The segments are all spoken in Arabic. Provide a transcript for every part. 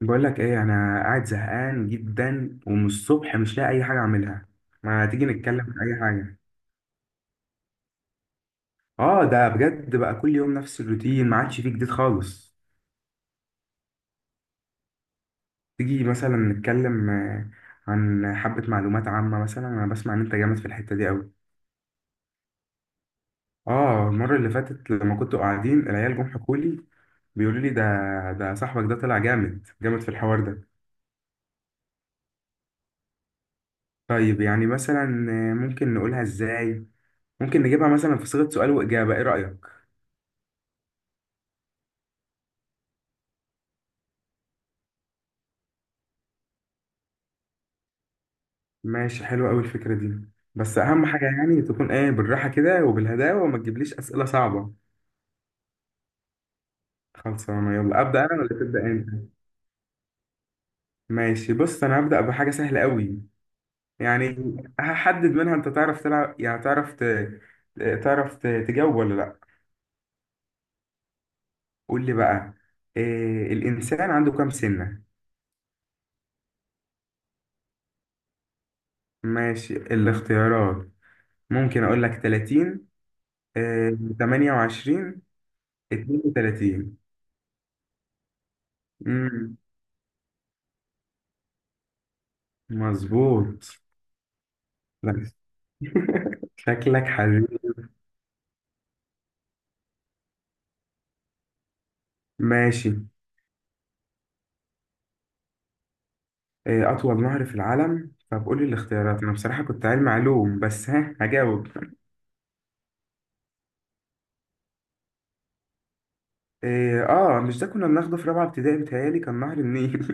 بقول لك ايه، انا قاعد زهقان جدا ومن الصبح مش لاقي اي حاجه اعملها. ما تيجي نتكلم في اي حاجه؟ اه، ده بجد بقى كل يوم نفس الروتين، ما عادش فيه جديد خالص. تيجي مثلا نتكلم عن حبه معلومات عامه، مثلا انا بسمع ان انت جامد في الحته دي قوي. اه المره اللي فاتت لما كنتوا قاعدين، العيال جم حكوا لي، بيقولوا لي ده، ده صاحبك ده طلع جامد جامد في الحوار ده. طيب يعني مثلا ممكن نقولها ازاي؟ ممكن نجيبها مثلا في صيغه سؤال واجابه، ايه رايك؟ ماشي، حلوة قوي الفكرة دي، بس أهم حاجة يعني تكون إيه، بالراحة كده وبالهداوة، وما تجيبليش أسئلة صعبة. خلصانة، يلا أبدأ أنا ولا تبدأ أنت؟ ماشي، بص، أنا هبدأ بحاجة سهلة قوي. يعني هحدد منها أنت تعرف تلعب، يعني تعرف تجاوب ولا لأ. قول لي بقى، إيه الإنسان عنده كام سنة؟ ماشي، الاختيارات، ممكن أقول لك 30، إيه 28، 32. مم، مظبوط. لا، شكلك حبيبي. ماشي. إيه، أطول نهر في العالم؟ طب قولي الاختيارات، أنا بصراحة كنت علم علوم بس ها هجاوب. إيه، آه مش ده كنا بناخده في رابعة ابتدائي، بيتهيألي كان نهر النيل.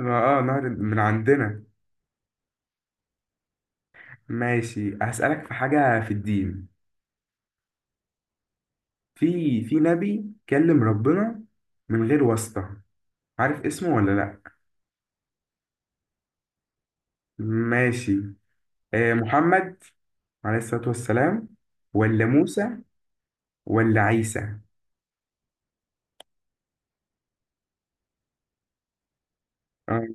آه، نهر من عندنا. ماشي، هسألك في حاجة في الدين. في نبي كلم ربنا من غير واسطة، عارف اسمه ولا لأ؟ ماشي. إيه، محمد عليه الصلاة والسلام، ولا موسى، ولا عيسى؟ آه.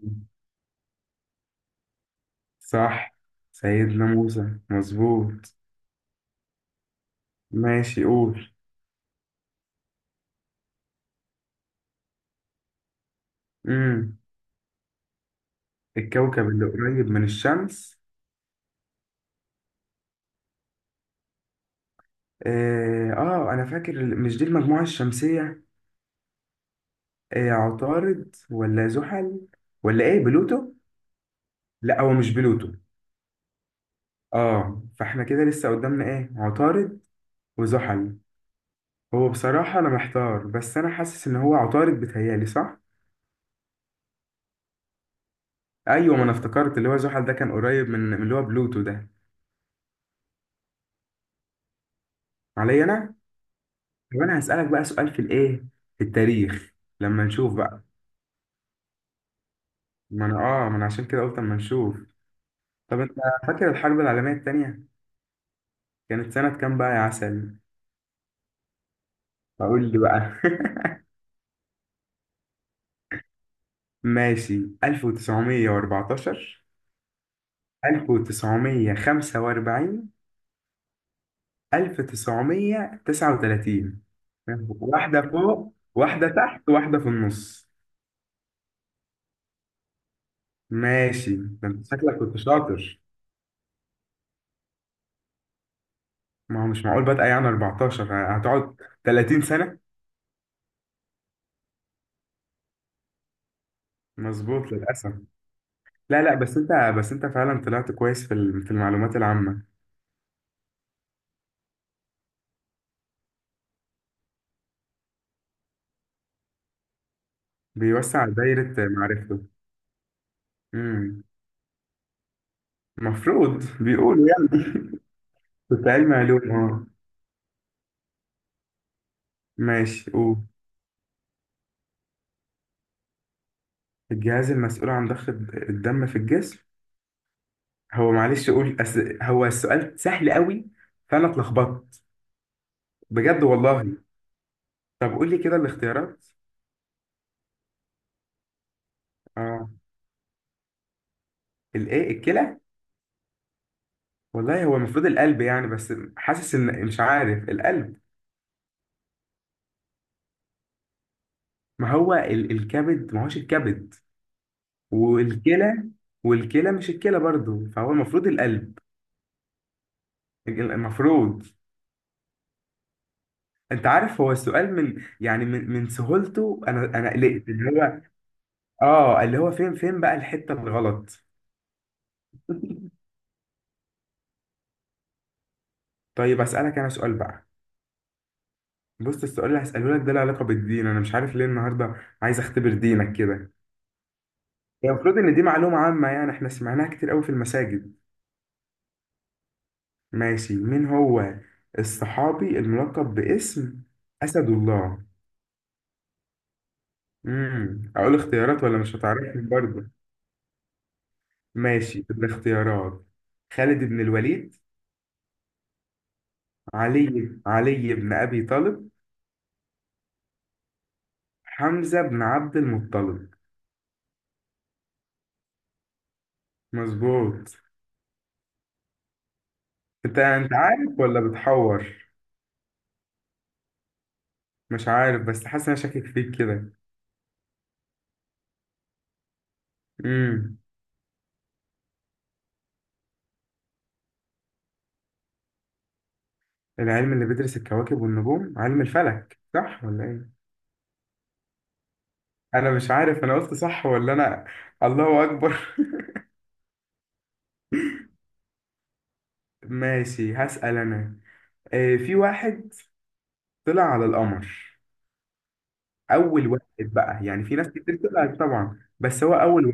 صح، سيدنا موسى مظبوط. ماشي، قول. امم الكوكب اللي قريب من الشمس. آه، اه انا فاكر مش دي المجموعة الشمسية؟ آه، عطارد ولا زحل، ولا ايه بلوتو؟ لا، هو مش بلوتو. اه، فاحنا كده لسه قدامنا ايه، عطارد وزحل. هو بصراحة انا محتار، بس انا حاسس ان هو عطارد، بتهيالي صح. ايوه، ما انا افتكرت اللي هو زحل ده كان قريب من اللي هو بلوتو ده. عليا انا؟ طب انا هسألك بقى سؤال في الايه، في التاريخ، لما نشوف بقى. ما انا اه ما انا عشان كده قلت اما نشوف. طب انت فاكر الحرب العالمية التانية كانت سنة كام بقى يا عسل؟ اقول لي بقى. ماشي، 1914، 1945، 1939. واحدة فوق، واحدة تحت، واحدة في النص. ماشي، ده انت شكلك كنت شاطر. ما هو مش معقول بادئة يعني 14 هتقعد 30 سنة. مظبوط، للأسف. لا بس انت، بس انت فعلا طلعت كويس في في المعلومات العامة. بيوسع دايرة معرفته. امم المفروض بيقولوا يعني. كنت علمي علوم، اه. ماشي، قول. الجهاز المسؤول عن ضخ الدم في الجسم. هو معلش، قول أس... هو السؤال سهل قوي فانا اتلخبطت، بجد والله. طب قول لي كده الاختيارات. اه الايه، الكلى. والله هو المفروض القلب يعني، بس حاسس ان مش عارف. القلب، ما هو ال... الكبد، ما هوش الكبد، والكلى، والكلى مش الكلى برضو، فهو المفروض القلب. المفروض. انت عارف، هو السؤال من يعني من سهولته انا قلقت اللي هو، اه اللي هو فين فين بقى الحته الغلط. طيب اسالك انا سؤال بقى. بص، السؤال اللي هساله لك ده له علاقه بالدين، انا مش عارف ليه النهارده عايز اختبر دينك كده. هي المفروض ان دي معلومه عامه يعني، احنا سمعناها كتير قوي في المساجد. ماشي، مين هو الصحابي الملقب باسم اسد الله؟ اقول اختيارات ولا مش هتعرفني برضه؟ ماشي، الاختيارات. خالد بن الوليد، علي بن أبي طالب، حمزة بن عبد المطلب. مظبوط. انت عارف ولا بتحور؟ مش عارف بس حاسس إن انا شاكك فيك كده. امم العلم اللي بيدرس الكواكب والنجوم، علم الفلك، صح ولا ايه؟ انا مش عارف انا قلت صح ولا انا. الله اكبر. ماشي، هسأل انا. في واحد طلع على القمر، اول واحد بقى، يعني في ناس كتير طلعت طبعا بس هو اول.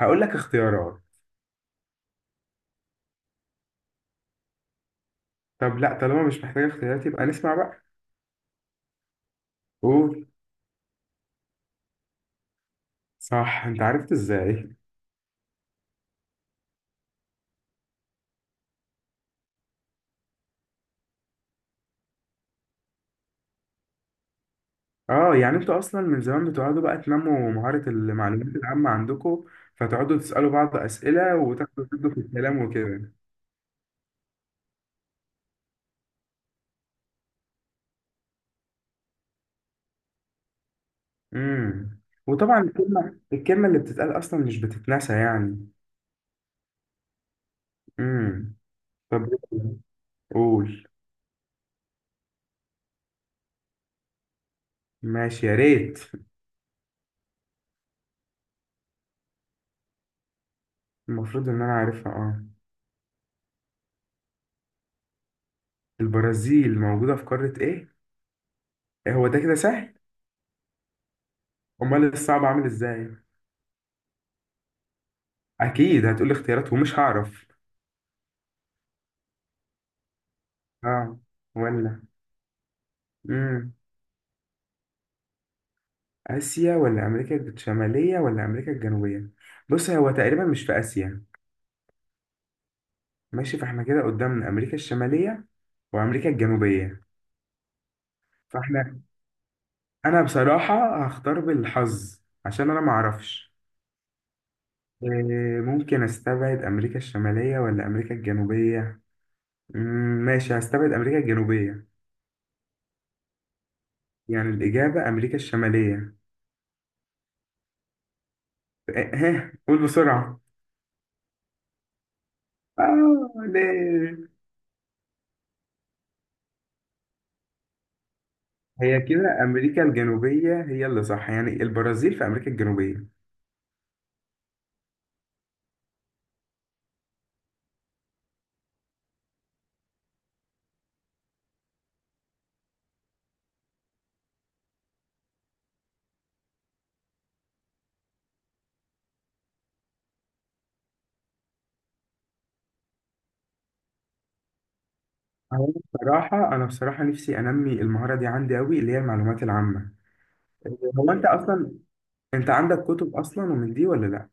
هقول لك اختيارات. طب لا، طالما مش محتاج اختيارات يبقى نسمع بقى. قول. صح، انت عرفت ازاي؟ اه، يعني انتوا اصلا من زمان بتقعدوا بقى تنموا مهارة المعلومات العامة عندكم، فتقعدوا تسألوا بعض أسئلة وتاخدوا تدوا في الكلام وكده. امم وطبعا الكلمة، الكلمة اللي بتتقال اصلا مش بتتنسى يعني. امم طب قول. ماشي، يا ريت. المفروض ان انا عارفها، اه. البرازيل موجودة في قارة ايه؟ إيه هو ده كده سهل؟ امال الصعب عامل ازاي؟ اكيد هتقولي اختيارات ومش هعرف. اه، ولا امم اسيا ولا امريكا الشماليه ولا امريكا الجنوبيه؟ بص هو تقريبا مش في اسيا. ماشي، فاحنا كده قدامنا امريكا الشماليه وامريكا الجنوبيه. فاحنا، انا بصراحه هختار بالحظ عشان انا معرفش. إيه، ممكن استبعد امريكا الشماليه ولا امريكا الجنوبيه. ماشي، هستبعد امريكا الجنوبيه. يعني الاجابه امريكا الشماليه. إيه، ها قول بسرعه. اه ليه؟ هي كده امريكا الجنوبيه هي اللي صح، يعني البرازيل في امريكا الجنوبيه. هو بصراحه، انا بصراحه نفسي انمي المهاره دي عندي قوي، اللي هي المعلومات العامه. هو انت اصلا، انت عندك كتب اصلا ومن دي ولا لا؟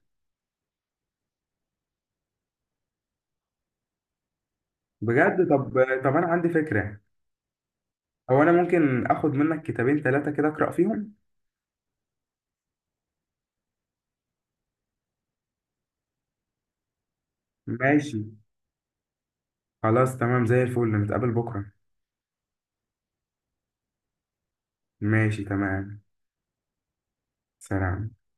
بجد؟ طب، طب انا عندي فكره. هو انا ممكن اخد منك كتابين ثلاثه كده اقرا فيهم؟ ماشي، خلاص تمام زي الفل، نتقابل بكره. ماشي تمام، سلام.